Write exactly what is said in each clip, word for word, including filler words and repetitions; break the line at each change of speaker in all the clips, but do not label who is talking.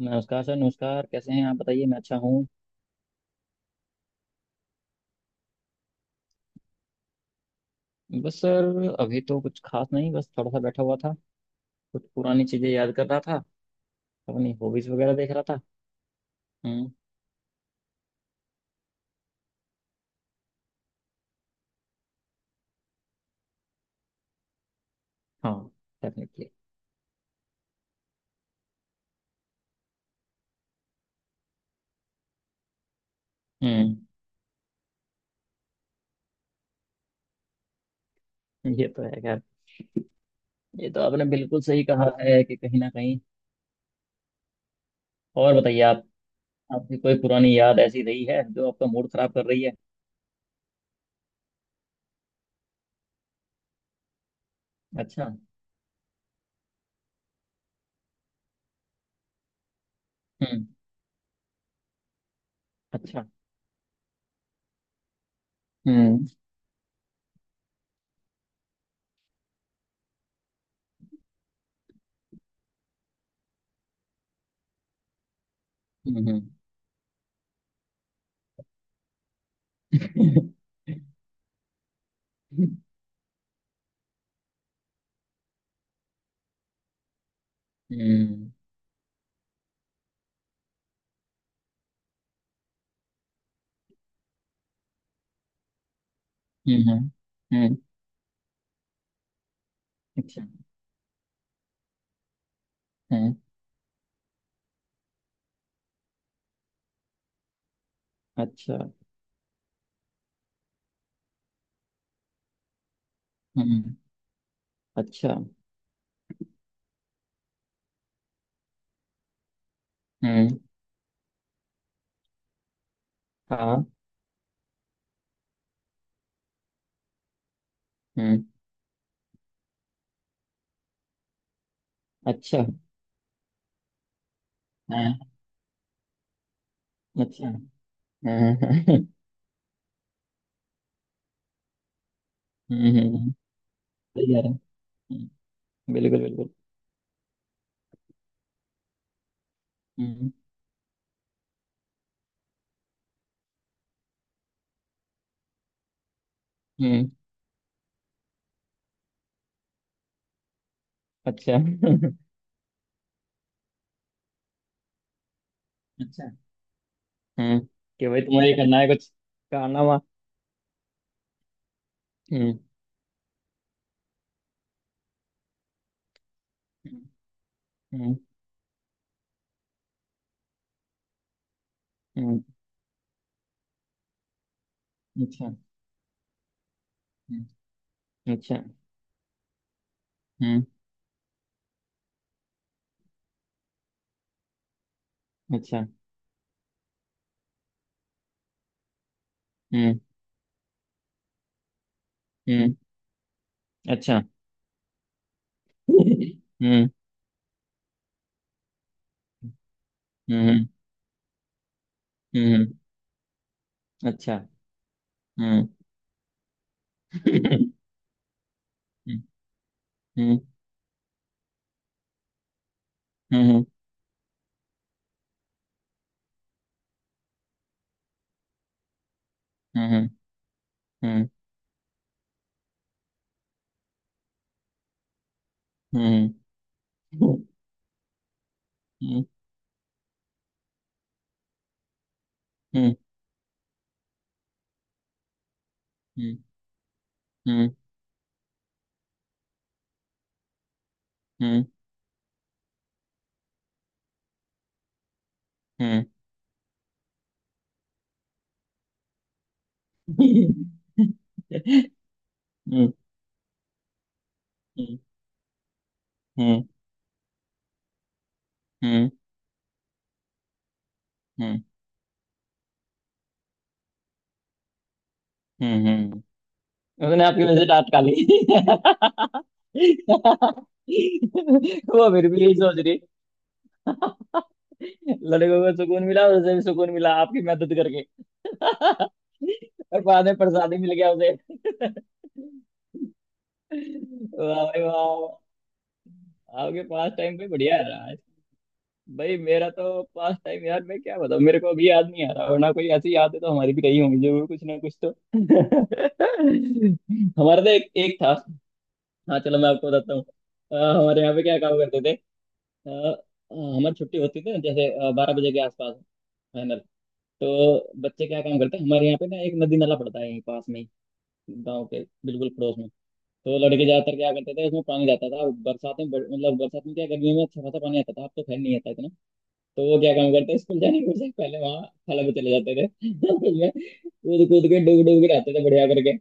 नमस्कार सर। नमस्कार। कैसे हैं आप? बताइए, मैं अच्छा हूँ। बस सर, अभी तो कुछ खास नहीं, बस थोड़ा सा बैठा हुआ था। कुछ पुरानी चीजें याद कर रहा था, अपनी हॉबीज वगैरह देख रहा था। हम्म। हाँ। डेफिनेटली। हम्म। ये तो है खैर। ये तो आपने बिल्कुल सही कहा है कि कहीं ना कहीं। और बताइए आप, आपकी कोई पुरानी याद ऐसी रही है जो आपका मूड खराब कर रही है? अच्छा। हम्म। अच्छा। हम्म। हम्म। हम्म। हम्म। हम्म। हम्म, अच्छा। हम्म। अच्छा। हम्म। अच्छा। हम्म। हाँ। हम्म। अच्छा। हाँ। अच्छा। हाँ। हाँ। हम्म। हम्म। सही कह रहे हैं। हम्म। बिल्कुल बिल्कुल। हम्म। हम्म। अच्छा। अच्छा। हम्म। कि भाई तुम्हें ये करना है कुछ कारनामा। हम्म। हम्म। हम्म। अच्छा। हम्म। अच्छा। हम्म। अच्छा। हम्म। हम्म। अच्छा। हम्म। हम्म। हम्म। अच्छा। हम्म। हम्म। हम्म। हम्म। हम्म। हम्म। हम्म। हम्म। हम्म। हम्म। हम्म। हम्म। हम्म। हम्म। हम्म। हम्म। हम्म। हम्म। हम्म। हम्म। उसने आपकी वजह से दांत काली। वो फिर भी यही सोच रही। लड़कों को सुकून मिला, उसे भी सुकून मिला आपकी मदद करके। और बाद में प्रसाद ही मिल गया उसे। वाह भाई वाह। आपके पास टाइम पे बढ़िया है। भाई मेरा तो पास टाइम, यार मैं क्या बताऊं, मेरे को अभी याद नहीं आ रहा, वरना कोई ऐसी यादें तो हमारी भी रही होंगी जरूर, कुछ ना कुछ तो। हमारा तो एक एक था। हाँ, चलो मैं आपको बताता हूँ। अ, हमारे यहाँ पे क्या काम करते थे। अ, हमारी छुट्टी होती थी ना जैसे बारह बजे के आसपास फाइनल। तो बच्चे क्या काम करते हैं, हमारे यहाँ पे ना एक नदी नाला पड़ता है यहीं पास में ही, गाँव के बिल्कुल पड़ोस में। तो लड़के ज्यादातर क्या करते थे, उसमें पानी जाता था बरसात में बर- मतलब बरसात में क्या गर्मी में अच्छा खासा पानी आता था, अब तो खैर नहीं आता। तो वो क्या काम करते, स्कूल जाने के से पहले वहाँ खाला पे चले जाते थे, उसमें कूद कूद के डूब डूब के रहते थे बढ़िया करके।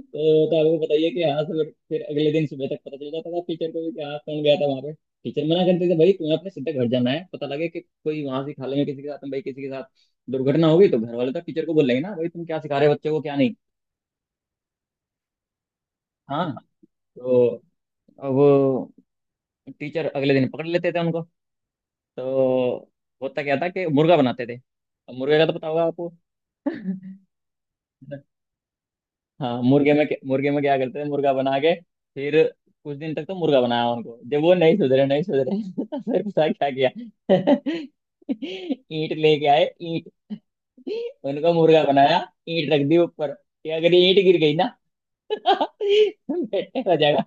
तो तो आपको बताइए कि हाँ सर, फिर अगले दिन सुबह तक पता चल जाता था टीचर को भी कि हाँ कौन गया था वहाँ पे। टीचर मना करते थे भाई तुम्हें अपने सीधे घर जाना है, पता लगे कि कोई वहां से खाले में किसी के साथ, भाई किसी के साथ दुर्घटना हो गई तो घर वाले तो टीचर को बोलेंगे ना, भाई तुम क्या सिखा रहे हो बच्चे को क्या नहीं। हाँ। तो अब टीचर अगले दिन पकड़ लेते थे उनको। तो होता क्या था कि मुर्गा बनाते थे। अब मुर्गे का तो पता होगा आपको। हाँ, मुर्गे में क्या- मुर्गे में क्या करते थे मुर्गा बना के, फिर कुछ दिन तक तो मुर्गा बनाया उनको, जब वो नहीं सुधरे नहीं सुधरे। तो फिर पता है क्या किया? ईंट लेके आए, ईंट उनको मुर्गा बनाया, ईंट रख दी ऊपर कि अगर ये ईंट गिर गई ना, तो बेटे हो जाएगा।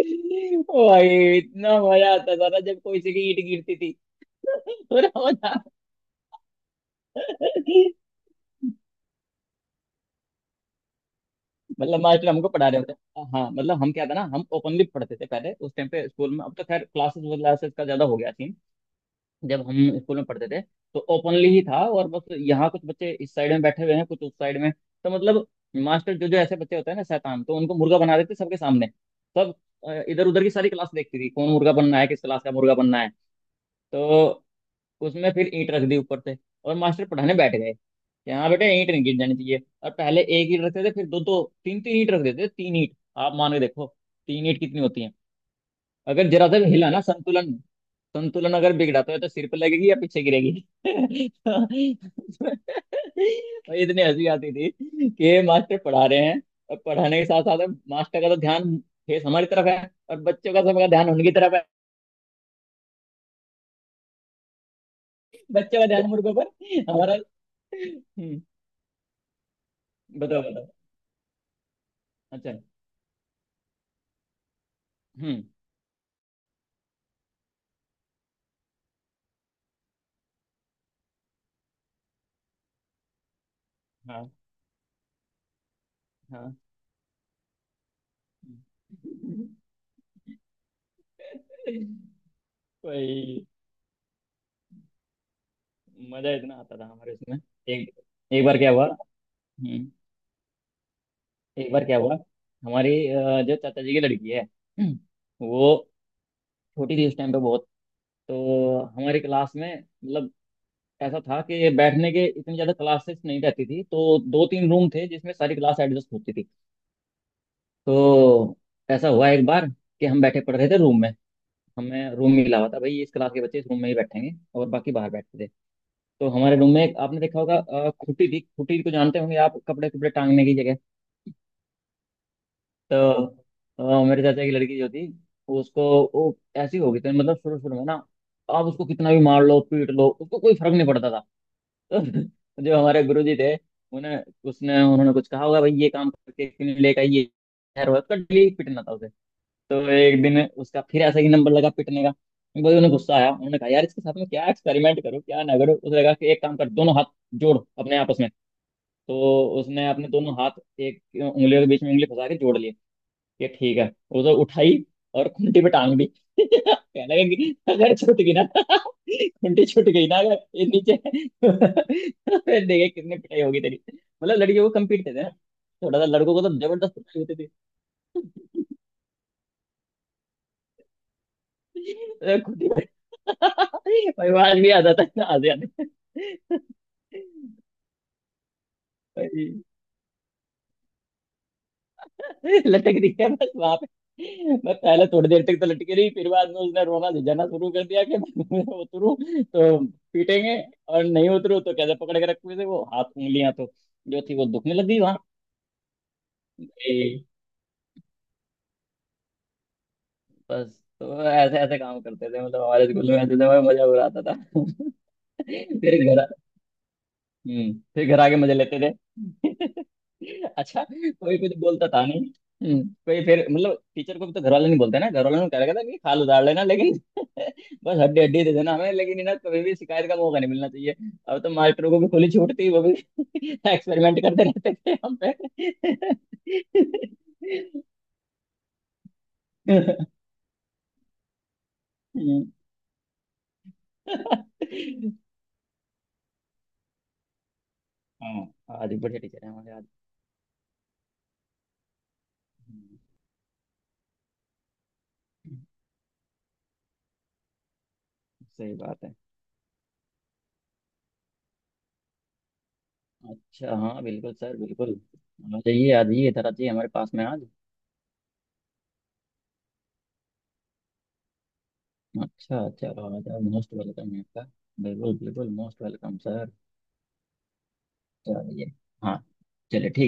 ओ भाई, इतना मजा आता था ना जब कोई सी की ईंट गिरती थी। पूरा मजा। मतलब मास्टर हमको पढ़ा रहे होते। हाँ हाँ, मतलब हम क्या था ना, हम ओपनली पढ़ते थे पहले उस टाइम पे स्कूल में, अब तो खैर क्लासेस क्लासेस का ज्यादा हो गया सीन। जब हम स्कूल में पढ़ते थे तो ओपनली ही था, और बस यहाँ कुछ बच्चे इस साइड में बैठे हुए हैं कुछ उस साइड में। तो मतलब मास्टर जो जो ऐसे बच्चे होते हैं ना शैतान, तो उनको मुर्गा बना देते सबके सामने। सब इधर उधर की सारी क्लास देखती थी कौन मुर्गा बनना है, किस क्लास का मुर्गा बनना है। तो उसमें फिर ईंट रख दी ऊपर से, और मास्टर पढ़ाने बैठ गए। यहाँ बेटे ईंट नहीं गिर जानी चाहिए, और पहले एक ईंट रखते थे फिर दो दो तीन तीन ईंट रख देते थे। तीन ईंट आप मान के देखो, तीन ईंट कितनी होती है। अगर जरा सा भी हिला ना संतुलन, संतुलन अगर बिगड़ा तो या तो सिर पे लगेगी या पीछे गिरेगी। और इतनी हंसी आती थी कि मास्टर पढ़ा रहे हैं, और पढ़ाने के साथ साथ मास्टर का तो ध्यान, फेस हमारी तरफ है, और बच्चों का सबका ध्यान उनकी तरफ है। बच्चों का ध्यान मुर्गों पर, हमारा। हम्म। बताओ बताओ। अच्छा। हम्म। हाँ हाँ। वही मजा इतना आता था हमारे उसमें। एक एक बार क्या हुआ? हम्म, एक बार क्या हुआ। हमारी अ, जो चाचा जी की लड़की है, वो छोटी थी उस टाइम पे बहुत। तो हमारी क्लास में मतलब ऐसा था कि बैठने के इतनी ज्यादा क्लासेस नहीं रहती थी, तो दो तीन रूम थे जिसमें सारी क्लास एडजस्ट होती थी। तो ऐसा हुआ एक बार कि हम बैठे पढ़ रहे थे रूम में, हमें रूम मिला हुआ था भाई इस क्लास के बच्चे इस रूम में ही बैठेंगे, और बाकी बाहर बैठते थे। तो हमारे रूम में एक आपने देखा होगा अ, खुटी थी, खुटी को जानते होंगे आप, कपड़े कपड़े टांगने की जगह। तो अ, मेरे चाचा की लड़की जो थी, उसको, वो ऐसी हो गई थी मतलब शुरू शुरू में ना, आप उसको कितना भी मार लो पीट लो उसको कोई फर्क नहीं पड़ता था। तो जो हमारे गुरुजी थे, उन्हें, उसने उन्होंने कुछ कहा होगा भाई ये काम करके क्यों नहीं लेकर आई, ये खैर हुआ उसका डेली पीटना था उसे। तो एक दिन उसका फिर ऐसा ही नंबर लगा पीटने का। भाई उन्हें गुस्सा आया, उन्होंने कहा यार इसके साथ में क्या एक्सपेरिमेंट करो क्या ना करो। उसने कहा कि एक काम कर दोनों हाथ जोड़ अपने आपस में। तो उसने अपने दोनों हाथ एक उंगलियों के बीच में उंगली फंसा के जोड़ लिए। ये ठीक है। उसे उठाई और खूंटी पे टांग दी। कहने लगा कि अगर छूट गई ना, खूंटी छूट गई ना अगर ये नीचे, फिर देखे कितनी पिटाई होगी तेरी। मतलब लड़के को कम्पीट थे ना, थोड़ा सा लड़कों को तो जबरदस्त पिटाई होती थी। अरे खूंटी पे! भाई वो आज भी आ जाता है ना, आज याद है। भाई लटक रही है बस वहां पे। मैं पहले थोड़ी देर तक तो लटकी रही, फिर बाद में उसने रोना झिझाना शुरू कर दिया कि मैं उतरू तो पीटेंगे, और नहीं उतरू तो कैसे पकड़ के रखे थे वो हाथ, उंगलियां तो जो थी वो दुखने लगी वहां। ए, बस तो ऐसे ऐसे काम करते थे मतलब हमारे स्कूल में, ऐसे समय मजा उड़ाता था। फिर घर, हम्म फिर घर आके मजे लेते थे। अच्छा कोई कुछ बोलता था नहीं? हम्म, कोई फिर मतलब टीचर को भी तो घर वाले नहीं बोलते ना, घर वालों ने कह रखा था कि खाल उतार लेना लेकिन, बस हड्डी हड्डी दे देना हमें लेकिन ना, कभी भी शिकायत का मौका नहीं मिलना चाहिए। अब तो मास्टरों को भी खुली छूट थी, वो भी एक्सपेरिमेंट करते रहते थे हम पे। हम्म। हाँ, आज भी बढ़िया टीचर है हमारे आज। हम्म, सही बात है। अच्छा हाँ बिल्कुल सर बिल्कुल। आ जाइए आ जाइए, इधर आ जाइए हमारे पास में आज। अच्छा चलो, अच्छा मोस्ट वेलकम है आपका। बिल्कुल बिल्कुल मोस्ट वेलकम सर। चलिए। हाँ। चलिए ठीक है।